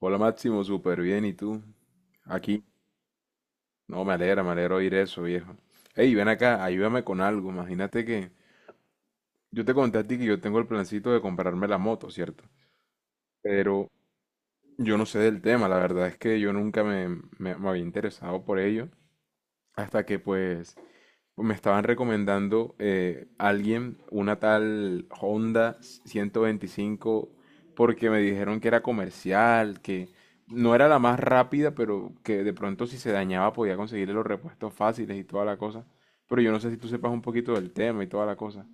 Hola Máximo, súper bien. ¿Y tú? Aquí. No, me alegra oír eso, viejo. Ey, ven acá, ayúdame con algo. Imagínate que yo te conté a ti que yo tengo el plancito de comprarme la moto, ¿cierto? Pero yo no sé del tema, la verdad es que yo nunca me había interesado por ello. Hasta que pues me estaban recomendando alguien, una tal Honda 125, porque me dijeron que era comercial, que no era la más rápida, pero que de pronto si se dañaba podía conseguirle los repuestos fáciles y toda la cosa. Pero yo no sé si tú sepas un poquito del tema y toda la cosa.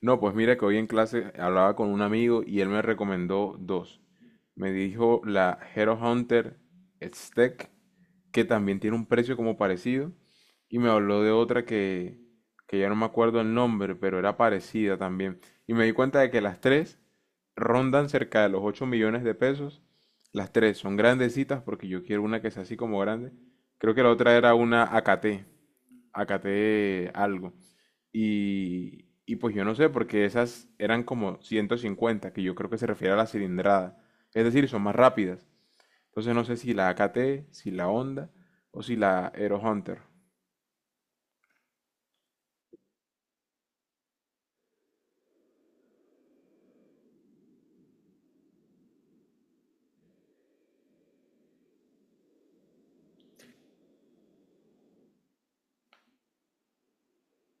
No, pues mira que hoy en clase hablaba con un amigo y él me recomendó dos. Me dijo la Hero Hunter Stack, que también tiene un precio como parecido, y me habló de otra que ya no me acuerdo el nombre, pero era parecida también. Y me di cuenta de que las tres rondan cerca de los 8 millones de pesos. Las tres son grandecitas porque yo quiero una que sea así como grande. Creo que la otra era una AKT acaté algo. Y pues yo no sé, porque esas eran como 150, que yo creo que se refiere a la cilindrada. Es decir, son más rápidas. Entonces no sé si la AKT, si la Honda o si la Aero Hunter.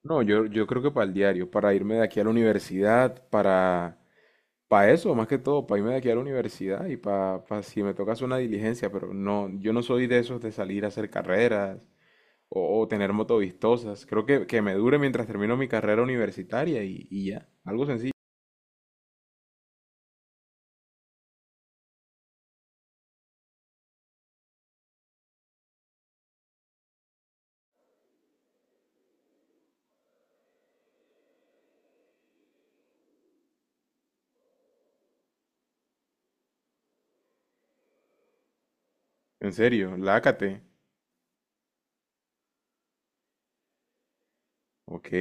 No, yo creo que para el diario, para irme de aquí a la universidad, para eso, más que todo, para irme de aquí a la universidad y para si me toca hacer una diligencia, pero no, yo no soy de esos de salir a hacer carreras o tener motovistosas. Creo que me dure mientras termino mi carrera universitaria y ya, algo sencillo. En serio, lácate. Ok.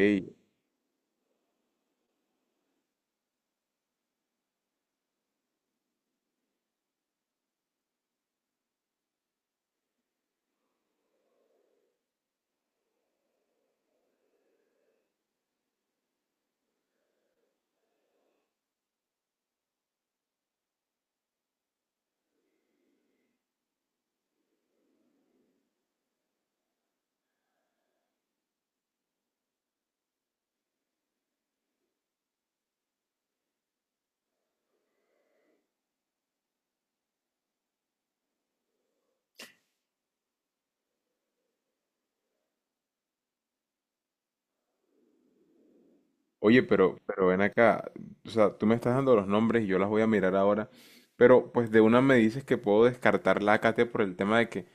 Oye, pero ven acá. O sea, tú me estás dando los nombres y yo las voy a mirar ahora. Pero pues de una me dices que puedo descartar lácate por el tema de que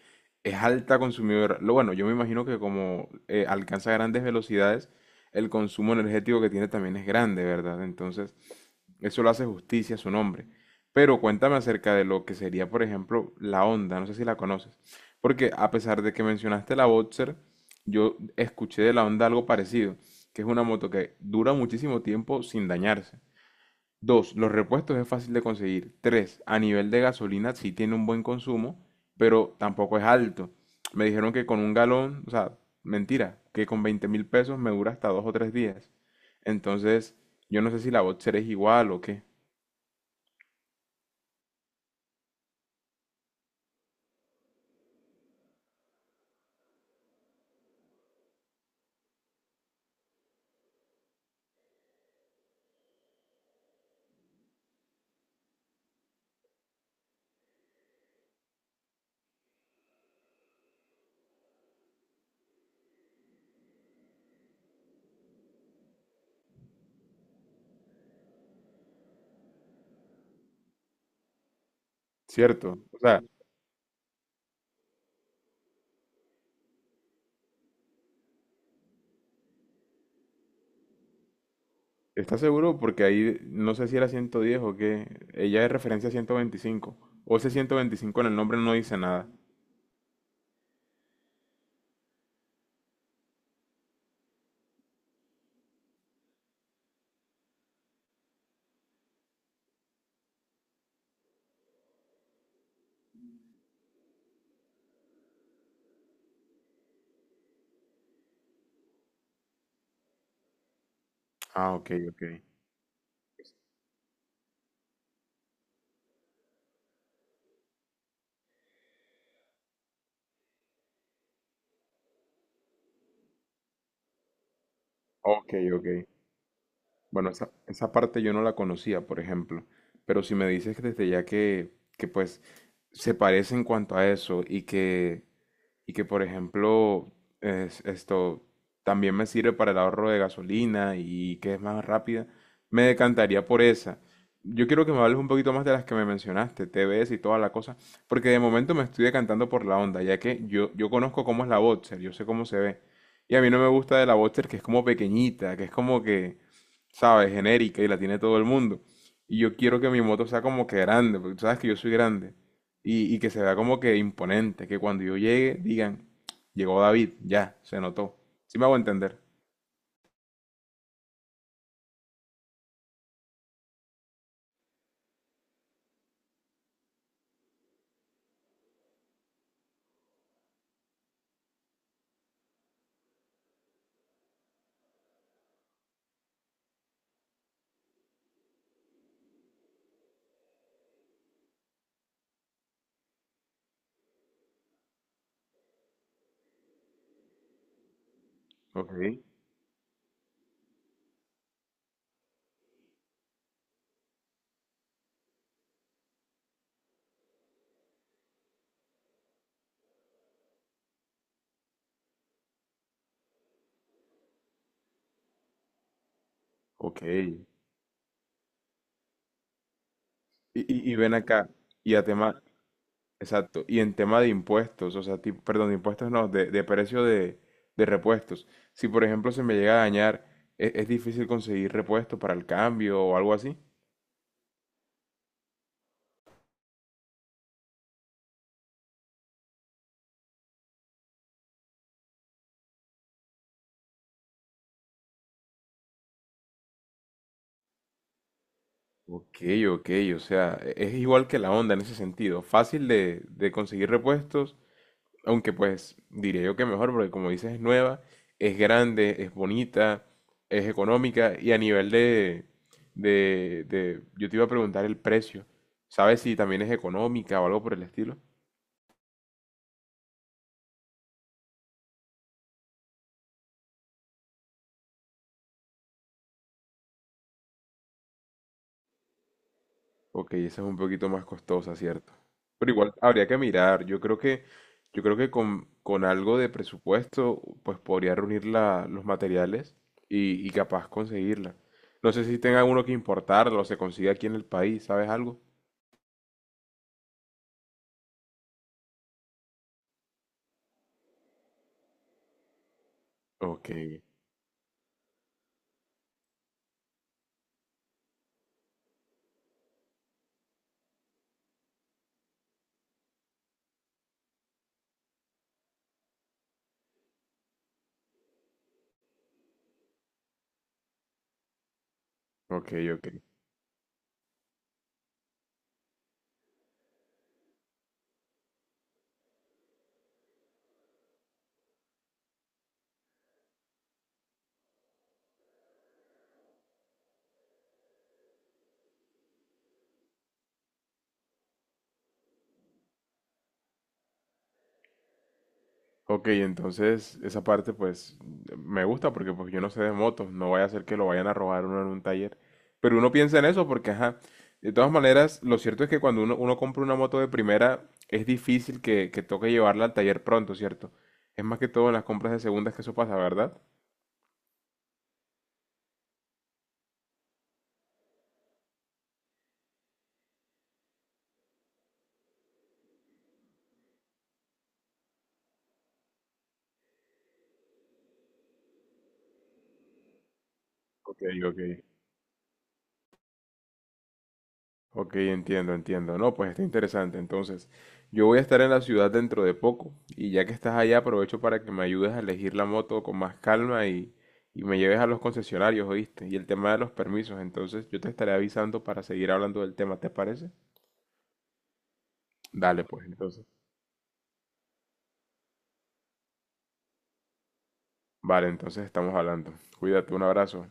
es alta consumidora. Lo bueno, yo me imagino que como alcanza grandes velocidades, el consumo energético que tiene también es grande, ¿verdad? Entonces, eso le hace justicia a su nombre. Pero cuéntame acerca de lo que sería, por ejemplo, la Honda. No sé si la conoces. Porque a pesar de que mencionaste la Boxer, yo escuché de la Honda algo parecido, que es una moto que dura muchísimo tiempo sin dañarse. Dos, los repuestos es fácil de conseguir. Tres, a nivel de gasolina sí tiene un buen consumo, pero tampoco es alto. Me dijeron que con un galón, o sea, mentira, que con 20.000 pesos me dura hasta dos o tres días. Entonces, yo no sé si la Boxer es igual o qué. Cierto. O sea, ¿estás seguro? Porque ahí no sé si era 110 o qué. Ella es referencia a 125. O ese 125 en el nombre no dice nada. Ah, ok, ok. Ok, ok. Bueno, esa parte yo no la conocía, por ejemplo. Pero si me dices que desde ya que, pues se parece en cuanto a eso y que, por ejemplo, esto también me sirve para el ahorro de gasolina y que es más rápida, me decantaría por esa. Yo quiero que me hables un poquito más de las que me mencionaste, T TVS y toda la cosa, porque de momento me estoy decantando por la Honda, ya que yo conozco cómo es la Boxer, yo sé cómo se ve. Y a mí no me gusta de la Boxer que es como pequeñita, que es como que, ¿sabes? Genérica y la tiene todo el mundo. Y yo quiero que mi moto sea como que grande, porque tú sabes que yo soy grande y que se vea como que imponente, que cuando yo llegue digan, llegó David, ya, se notó. ¿Sí me hago entender? Ok, ok. Y ven acá, y a tema, exacto, y en tema de impuestos, o sea, tipo, perdón, de impuestos no, de precio de repuestos. Si por ejemplo se me llega a dañar, ¿es difícil conseguir repuestos para el cambio o algo así? Ok, ok, o sea, es igual que la onda en ese sentido, fácil de conseguir repuestos. Aunque pues diría yo que mejor, porque como dices, es nueva, es grande, es bonita, es económica y a nivel yo te iba a preguntar el precio. ¿Sabes si también es económica o algo por el estilo? Ok, esa es un poquito más costosa, ¿cierto? Pero igual habría que mirar. Yo creo que con, algo de presupuesto, pues podría reunir los materiales y capaz conseguirla. No sé si tenga uno que importarlo o se consigue aquí en el país, ¿sabes algo? Ok, ok, ok. Ok, entonces esa parte pues me gusta porque pues yo no sé de motos, no vaya a ser que lo vayan a robar uno en un taller. Pero uno piensa en eso porque, ajá, de todas maneras, lo cierto es que cuando uno compra una moto de primera es difícil que toque llevarla al taller pronto, ¿cierto? Es más que todo en las compras de segundas que eso pasa, ¿verdad? Ok, ok. Ok, entiendo, entiendo. No, pues está interesante. Entonces, yo voy a estar en la ciudad dentro de poco y ya que estás allá aprovecho para que me ayudes a elegir la moto con más calma y me lleves a los concesionarios, ¿oíste? Y el tema de los permisos. Entonces, yo te estaré avisando para seguir hablando del tema, ¿te parece? Dale, pues, entonces. Vale, entonces estamos hablando. Cuídate, un abrazo.